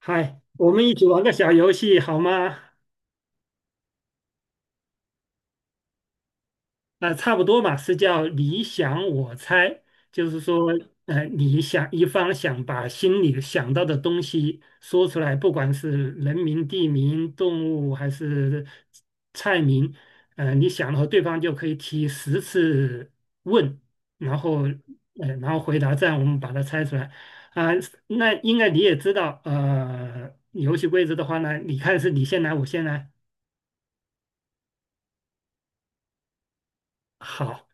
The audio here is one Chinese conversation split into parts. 嗨，我们一起玩个小游戏好吗？那差不多嘛，是叫你想我猜，就是说，你想一方想把心里想到的东西说出来，不管是人名、地名、动物还是菜名，你想了后对方就可以提10次问，然后，然后回答，这样我们把它猜出来。啊、那应该你也知道，游戏规则的话呢，你看是你先来，我先来，好。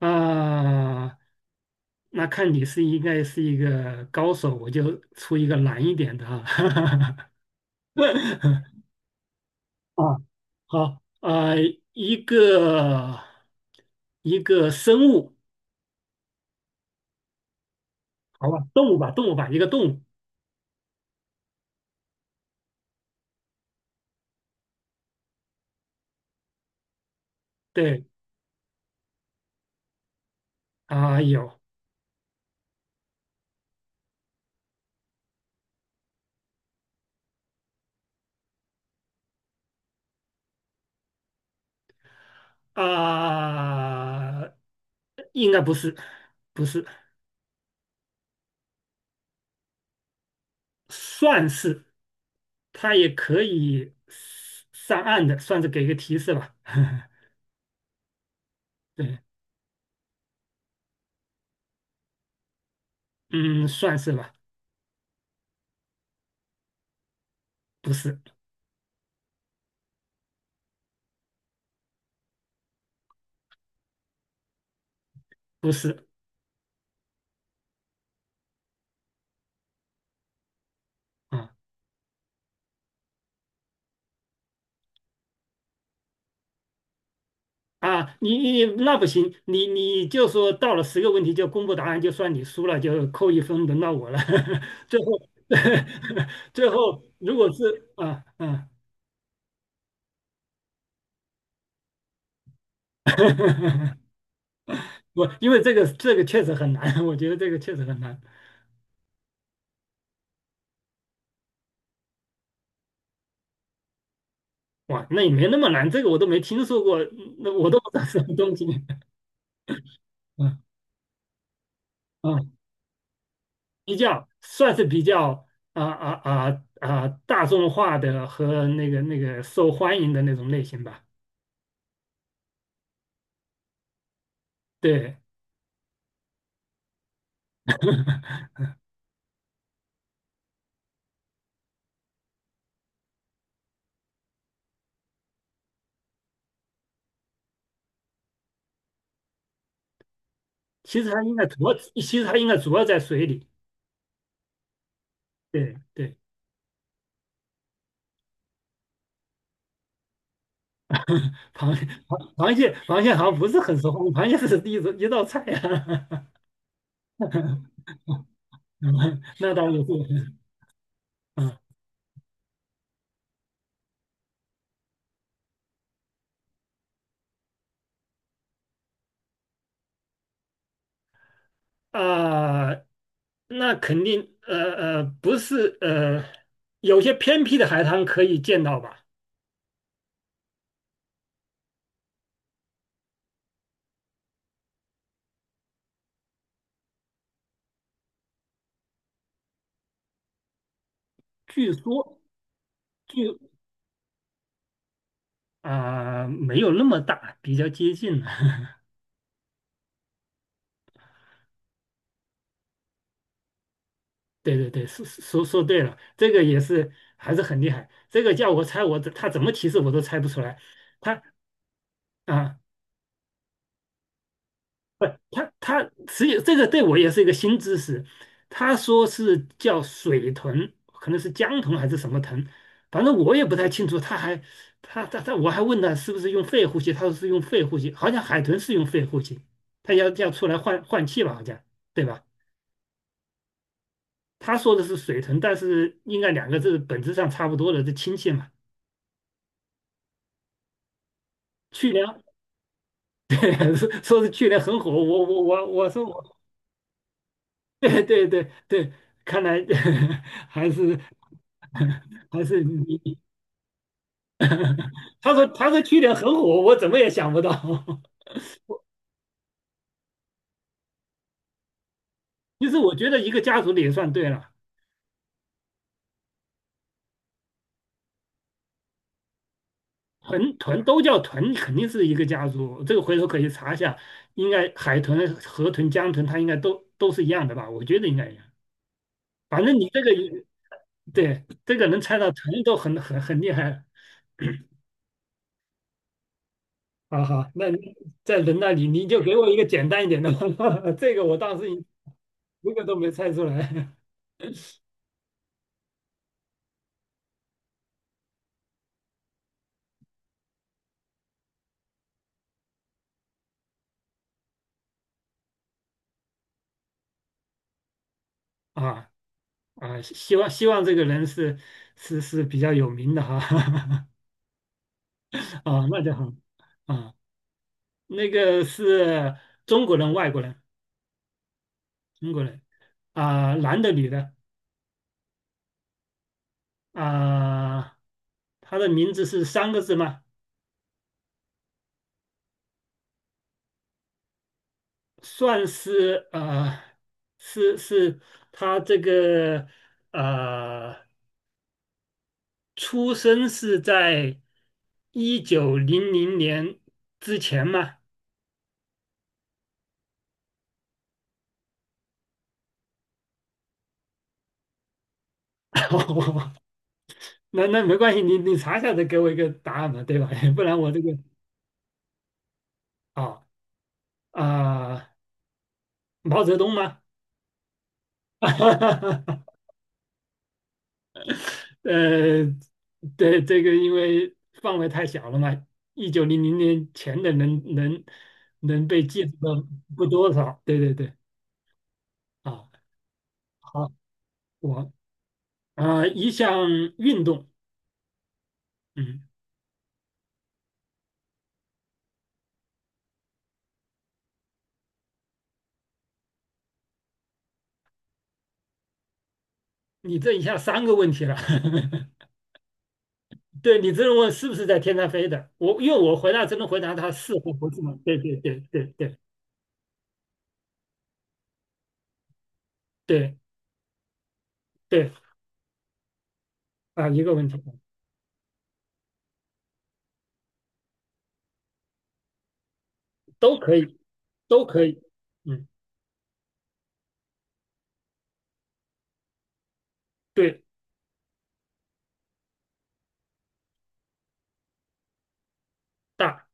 啊，那看你是应该是一个高手，我就出一个难一点的哈。啊，好，啊，一个一个生物，好吧，动物吧，动物吧，一个动物，对，啊，有啊，应该不是，不是，算是，它也可以上岸的，算是给一个提示吧，对，嗯，算是吧，不是。不是啊啊，你那不行，你就说到了10个问题就公布答案，就算你输了，就扣一分，轮到我了。最后 最后如果是啊啊，不，因为这个确实很难，我觉得这个确实很难。哇，那也没那么难，这个我都没听说过，那我都不知道什么东西。嗯嗯，比较算是比较大众化的和那个受欢迎的那种类型吧。对。其实它应该主要，其实它应该主要在水里。对对，螃螃蟹好像不是很熟。螃蟹是一种一道菜啊。嗯那当然是，嗯啊，那肯定，不是，有些偏僻的海滩可以见到吧？据说，据啊、没有那么大，比较接近了。对对对，说对了，这个也是还是很厉害。这个叫我猜我，他怎么提示我都猜不出来。他啊，不，他只有这个对我也是一个新知识。他说是叫水豚，可能是江豚还是什么豚，反正我也不太清楚。他还他他他，我还问他是不是用肺呼吸，他说是用肺呼吸，好像海豚是用肺呼吸，他要出来换换气吧，好像对吧？他说的是水豚，但是应该两个字本质上差不多的，是亲戚嘛。去年 说是去年很火，我说我 对对对对，看来 还是 还是你，他说去年很火，我怎么也想不到。其实我觉得一个家族的也算对了，豚都叫豚，肯定是一个家族。这个回头可以查一下，应该海豚、河豚、江豚，它应该都是一样的吧？我觉得应该一样。反正你这个对这个能猜到豚都很厉害了好好，那你在人那里你就给我一个简单一点的，这个我当时一个都没猜出来啊啊！希望这个人是是比较有名的哈 啊，那就好啊。那个是中国人、外国人、中国人啊，男的、女的啊，他的名字是三个字吗？算是啊，是他这个啊。出生是在一九零零年之前吗？那那没关系，你查一下再给我一个答案嘛，对吧？不然我这个啊啊、毛泽东吗？呃，对，这个因为范围太小了嘛，一九零零年前的能能被记住的不多少。对对对，啊，好，我啊、一项运动，嗯，你这一下三个问题了，对你这么问是不是在天上飞的？我因为我回答只能回答他是或不是嘛。对对对对对对对啊，一个问题都可以，都可以。嗯，对，大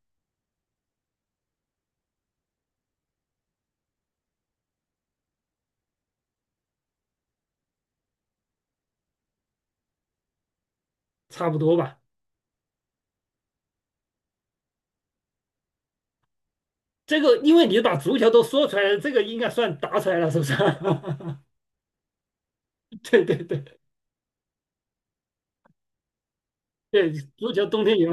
差不多吧。这个因为你把足球都说出来了，这个应该算答出来了，是不是？对对对对，足球冬天有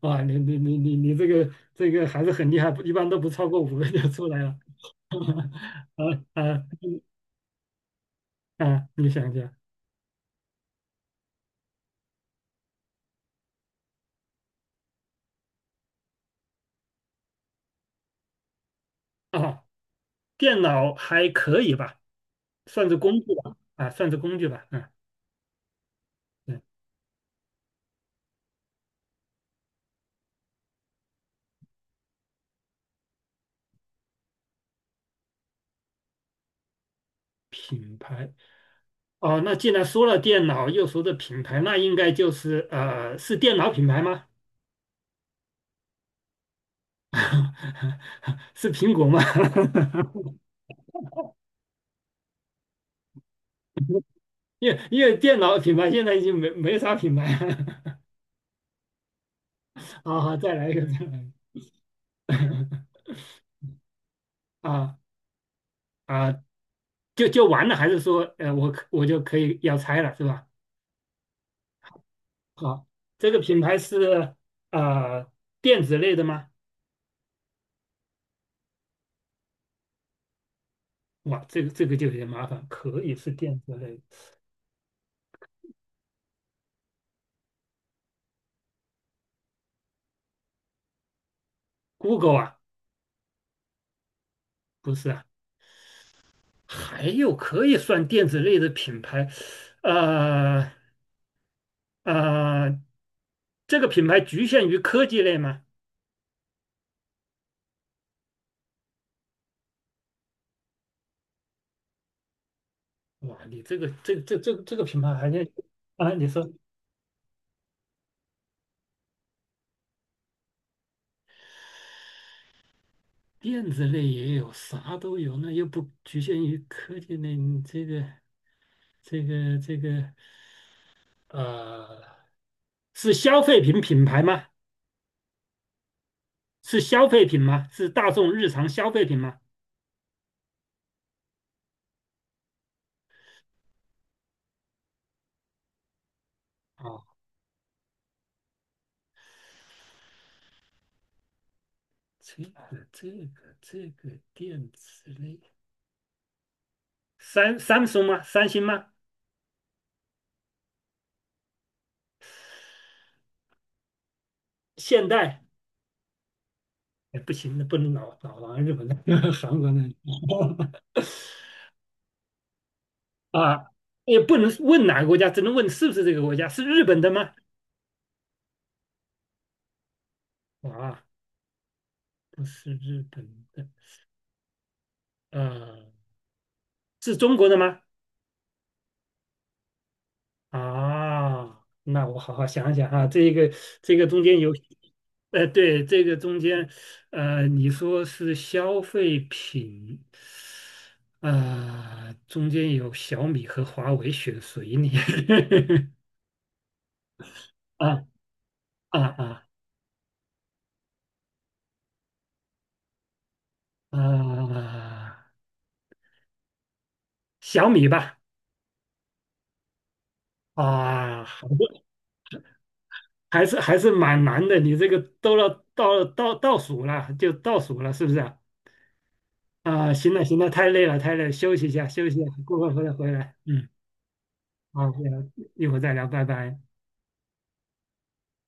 啊，你这个还是很厉害，一般都不超过五个就出来了。啊啊啊！你想一下啊，电脑还可以吧？算是工具吧，啊，算是工具吧，嗯嗯，品牌。哦，那既然说了电脑，又说的品牌，那应该就是是电脑品牌吗？是苹果吗？因为电脑品牌现在已经没啥品牌了 好好，再来一个，再来一个。啊啊，就完了，还是说我就可以要拆了，是吧？好，这个品牌是呃电子类的吗？哇，这个就有点麻烦，可以是电子类，Google 啊，不是啊，还有可以算电子类的品牌，呃呃，这个品牌局限于科技类吗？哇，你这个这这个品牌还在啊？你说电子类也有，啥都有，那又不局限于科技类，你这个这个呃，是消费品品牌吗？是消费品吗？是大众日常消费品吗？啊。这个这个电子类，三星吗？三星吗？现代？哎，不行，那不能老往日本那 韩国那 啊，也不能问哪个国家，只能问是不是这个国家，是日本的吗？啊，不是日本的，呃，是中国的吗？啊，那我好好想想啊，这个中间有，对，这个中间，你说是消费品，啊、中间有小米和华为选谁呢？啊啊啊啊！小米吧，啊，好的，还是蛮难的，你这个都要到倒数了，就倒数了，是不是啊？啊，行了行了，太累了太累了，休息一下休息一下，过会儿回来回来，嗯，好，一会儿一会儿再聊，拜拜。